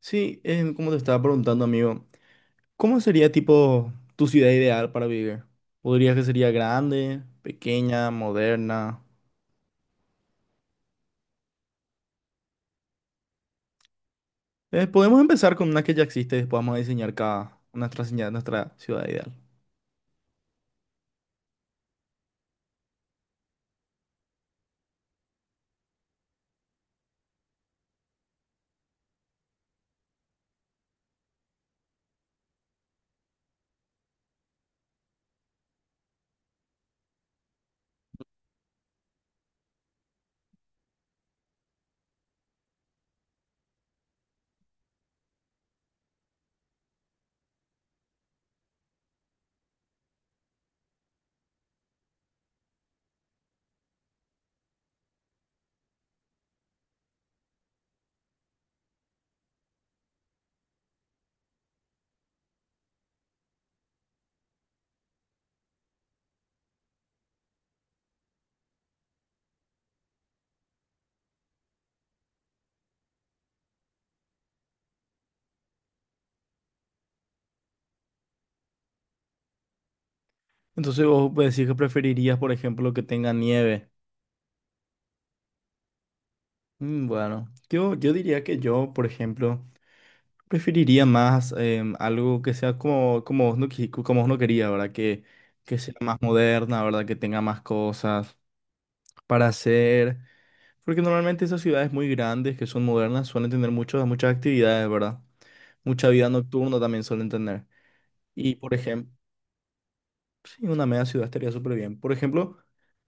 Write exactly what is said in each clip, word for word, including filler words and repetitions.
Sí, em, como te estaba preguntando, amigo, ¿cómo sería tipo tu ciudad ideal para vivir? ¿Podrías que sería grande, pequeña, moderna? Eh, podemos empezar con una que ya existe y después vamos a diseñar cada nuestra ciudad nuestra ciudad ideal. Entonces vos decís que preferirías, por ejemplo, que tenga nieve. Mm, bueno, yo, yo diría que yo, por ejemplo, preferiría más em, algo que sea como, como vos no, qui- como vos no quería, ¿verdad? Que, que sea más moderna, ¿verdad? Que tenga más cosas para hacer. Porque normalmente esas ciudades muy grandes que son modernas suelen tener muchos, muchas actividades, ¿verdad? Mucha vida nocturna también suelen tener. Y por ejemplo, sí, una media ciudad estaría súper bien. Por ejemplo,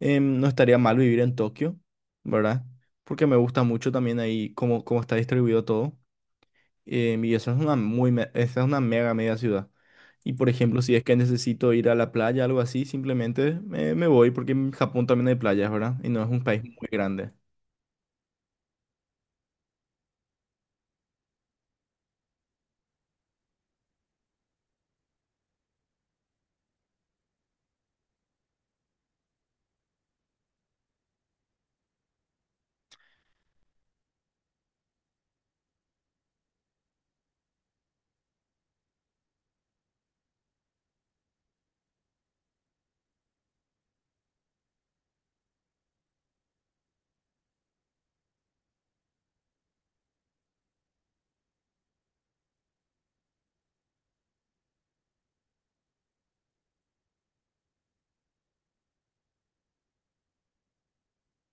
em, no estaría mal vivir en Tokio, ¿verdad? Porque me gusta mucho también ahí cómo, cómo está distribuido todo. Em, y eso es una muy, me- esa es una mega media ciudad. Y por ejemplo, si es que necesito ir a la playa, algo así, simplemente me, me voy porque en Japón también hay playas, ¿verdad? Y no es un país muy grande.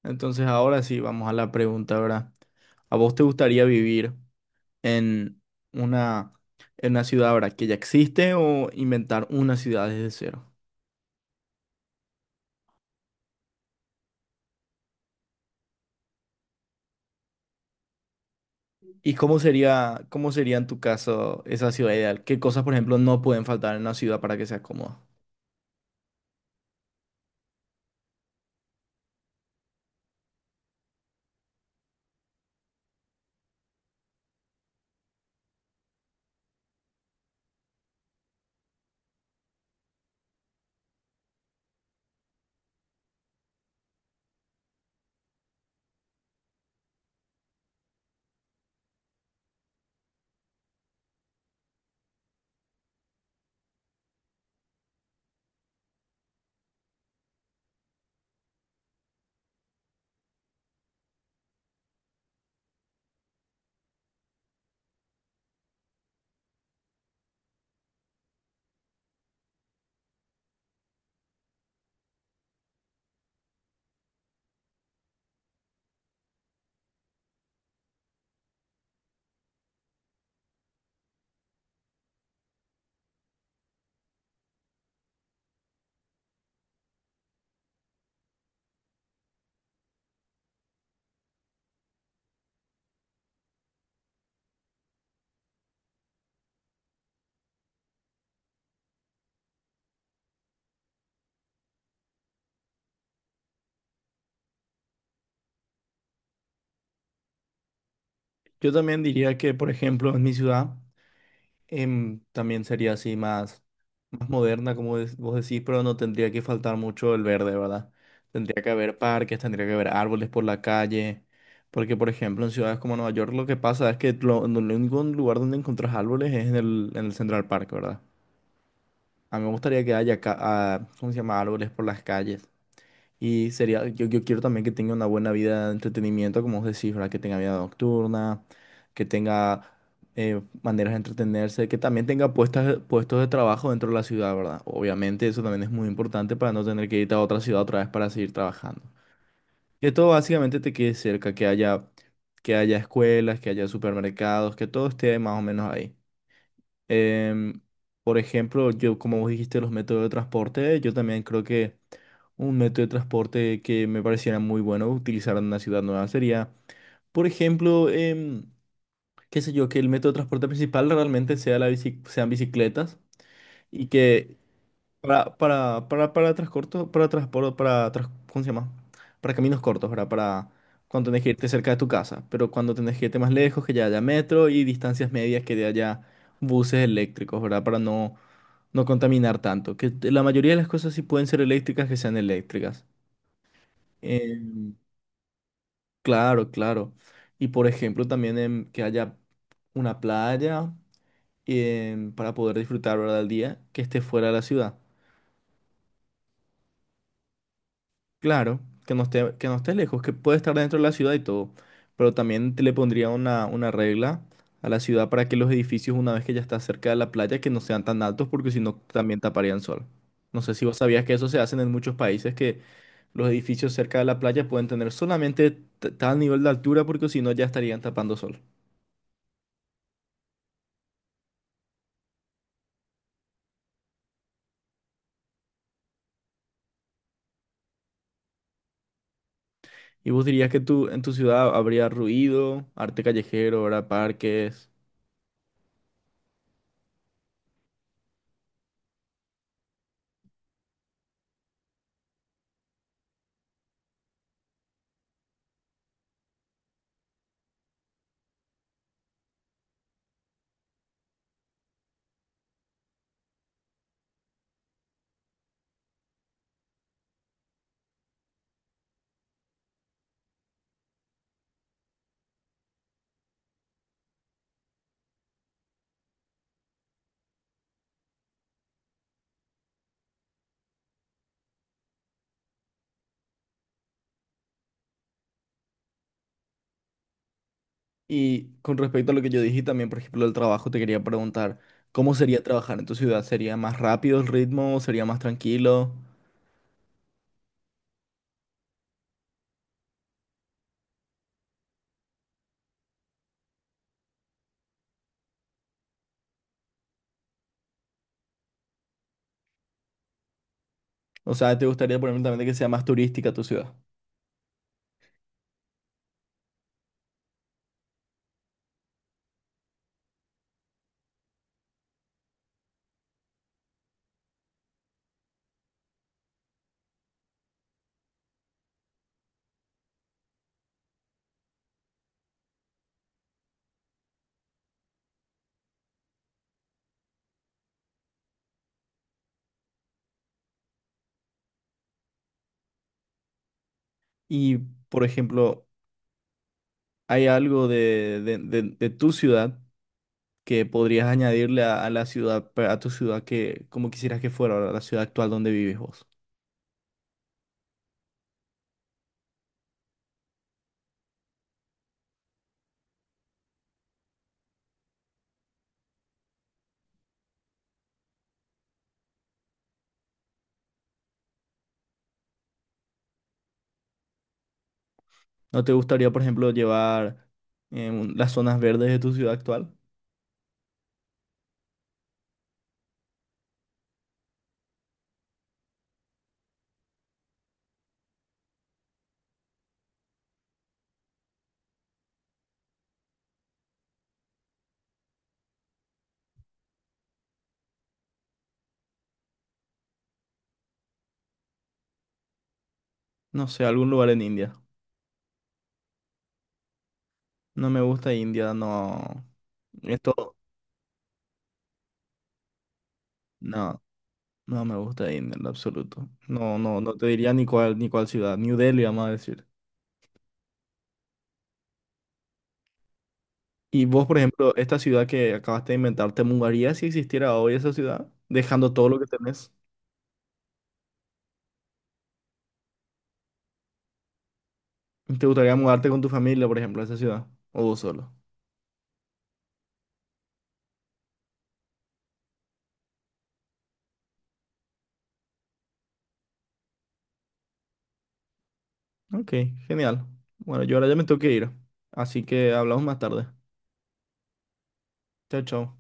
Entonces ahora sí, vamos a la pregunta, ¿verdad? ¿A vos te gustaría vivir en una, en una ciudad, ¿verdad? Que ya existe o inventar una ciudad desde cero? ¿Y cómo sería, cómo sería en tu caso esa ciudad ideal? ¿Qué cosas, por ejemplo, no pueden faltar en una ciudad para que sea cómoda? Yo también diría que, por ejemplo, en mi ciudad em, también sería así más, más moderna, como de- vos decís, pero no tendría que faltar mucho el verde, ¿verdad? Tendría que haber parques, tendría que haber árboles por la calle, porque, por ejemplo, en ciudades como Nueva York lo que pasa es que lo, no, lo único lugar donde encontrás árboles es en el, en el Central Park, ¿verdad? A mí me gustaría que haya, ca- ah, ¿cómo se llama? Árboles por las calles. Y sería, yo, yo quiero también que tenga una buena vida de entretenimiento, como vos decís, ¿verdad? Que tenga vida nocturna, que tenga eh, maneras de entretenerse, que también tenga puestas, puestos de trabajo dentro de la ciudad, ¿verdad? Obviamente eso también es muy importante para no tener que irte a otra ciudad otra vez para seguir trabajando. Que todo básicamente te quede cerca, que haya, que haya escuelas, que haya supermercados, que todo esté más o menos ahí. Em, por ejemplo, yo, como vos dijiste, los métodos de transporte, yo también creo que... Un método de transporte que me pareciera muy bueno utilizar en una ciudad nueva sería, por ejemplo, em, qué sé yo, que el método de transporte principal realmente sea la bici- sean bicicletas y que para, para, para, para transcorto- para transporte, para, tras- ¿cómo se llama? Para caminos cortos, ¿verdad? Para cuando tenés que irte cerca de tu casa, pero cuando tenés que irte más lejos, que ya haya metro y distancias medias, que ya haya buses eléctricos, ¿verdad? Para no, no contaminar tanto. Que la mayoría de las cosas sí pueden ser eléctricas, que sean eléctricas. Em, Claro, claro. Y por ejemplo, también em, que haya una playa em, para poder disfrutar, ¿verdad? El día que esté fuera de la ciudad. Claro, que no esté, que no esté lejos, que puede estar dentro de la ciudad y todo. Pero también te le pondría una, una regla a la ciudad para que los edificios, una vez que ya está cerca de la playa, que no sean tan altos, porque si no, también taparían sol. No sé si vos sabías que eso se hace en muchos países, que los edificios cerca de la playa pueden tener solamente t- tal nivel de altura, porque si no, ya estarían tapando sol. ¿Y vos dirías que tú en tu ciudad habría ruido, arte callejero, ¿verdad? Parques? Y con respecto a lo que yo dije también, por ejemplo, el trabajo, te quería preguntar, ¿cómo sería trabajar en tu ciudad? ¿Sería más rápido el ritmo? ¿Sería más tranquilo? O sea, ¿te gustaría, por ejemplo, también que sea más turística tu ciudad? Y, por ejemplo, ¿hay algo de, de- de- de tu ciudad que podrías añadirle a, a la ciudad, a tu ciudad que, como quisieras que fuera, ¿verdad? La ciudad actual donde vives vos? ¿No te gustaría, por ejemplo, llevar eh, un- las zonas verdes de tu ciudad actual? No sé, algún lugar en India. No me gusta India, no. Esto, no, no me gusta India en lo absoluto. No, no, no te diría ni cuál, ni cuál ciudad. New Delhi, vamos a decir. Y vos, por ejemplo, esta ciudad que acabaste de inventar, ¿te mudarías si existiera hoy esa ciudad? Dejando todo lo que tenés. ¿Te gustaría mudarte con tu familia, por ejemplo, a esa ciudad? ¿O vos solo? Ok, genial. Bueno, yo ahora ya me tengo que ir. Así que hablamos más tarde. Chao, chao.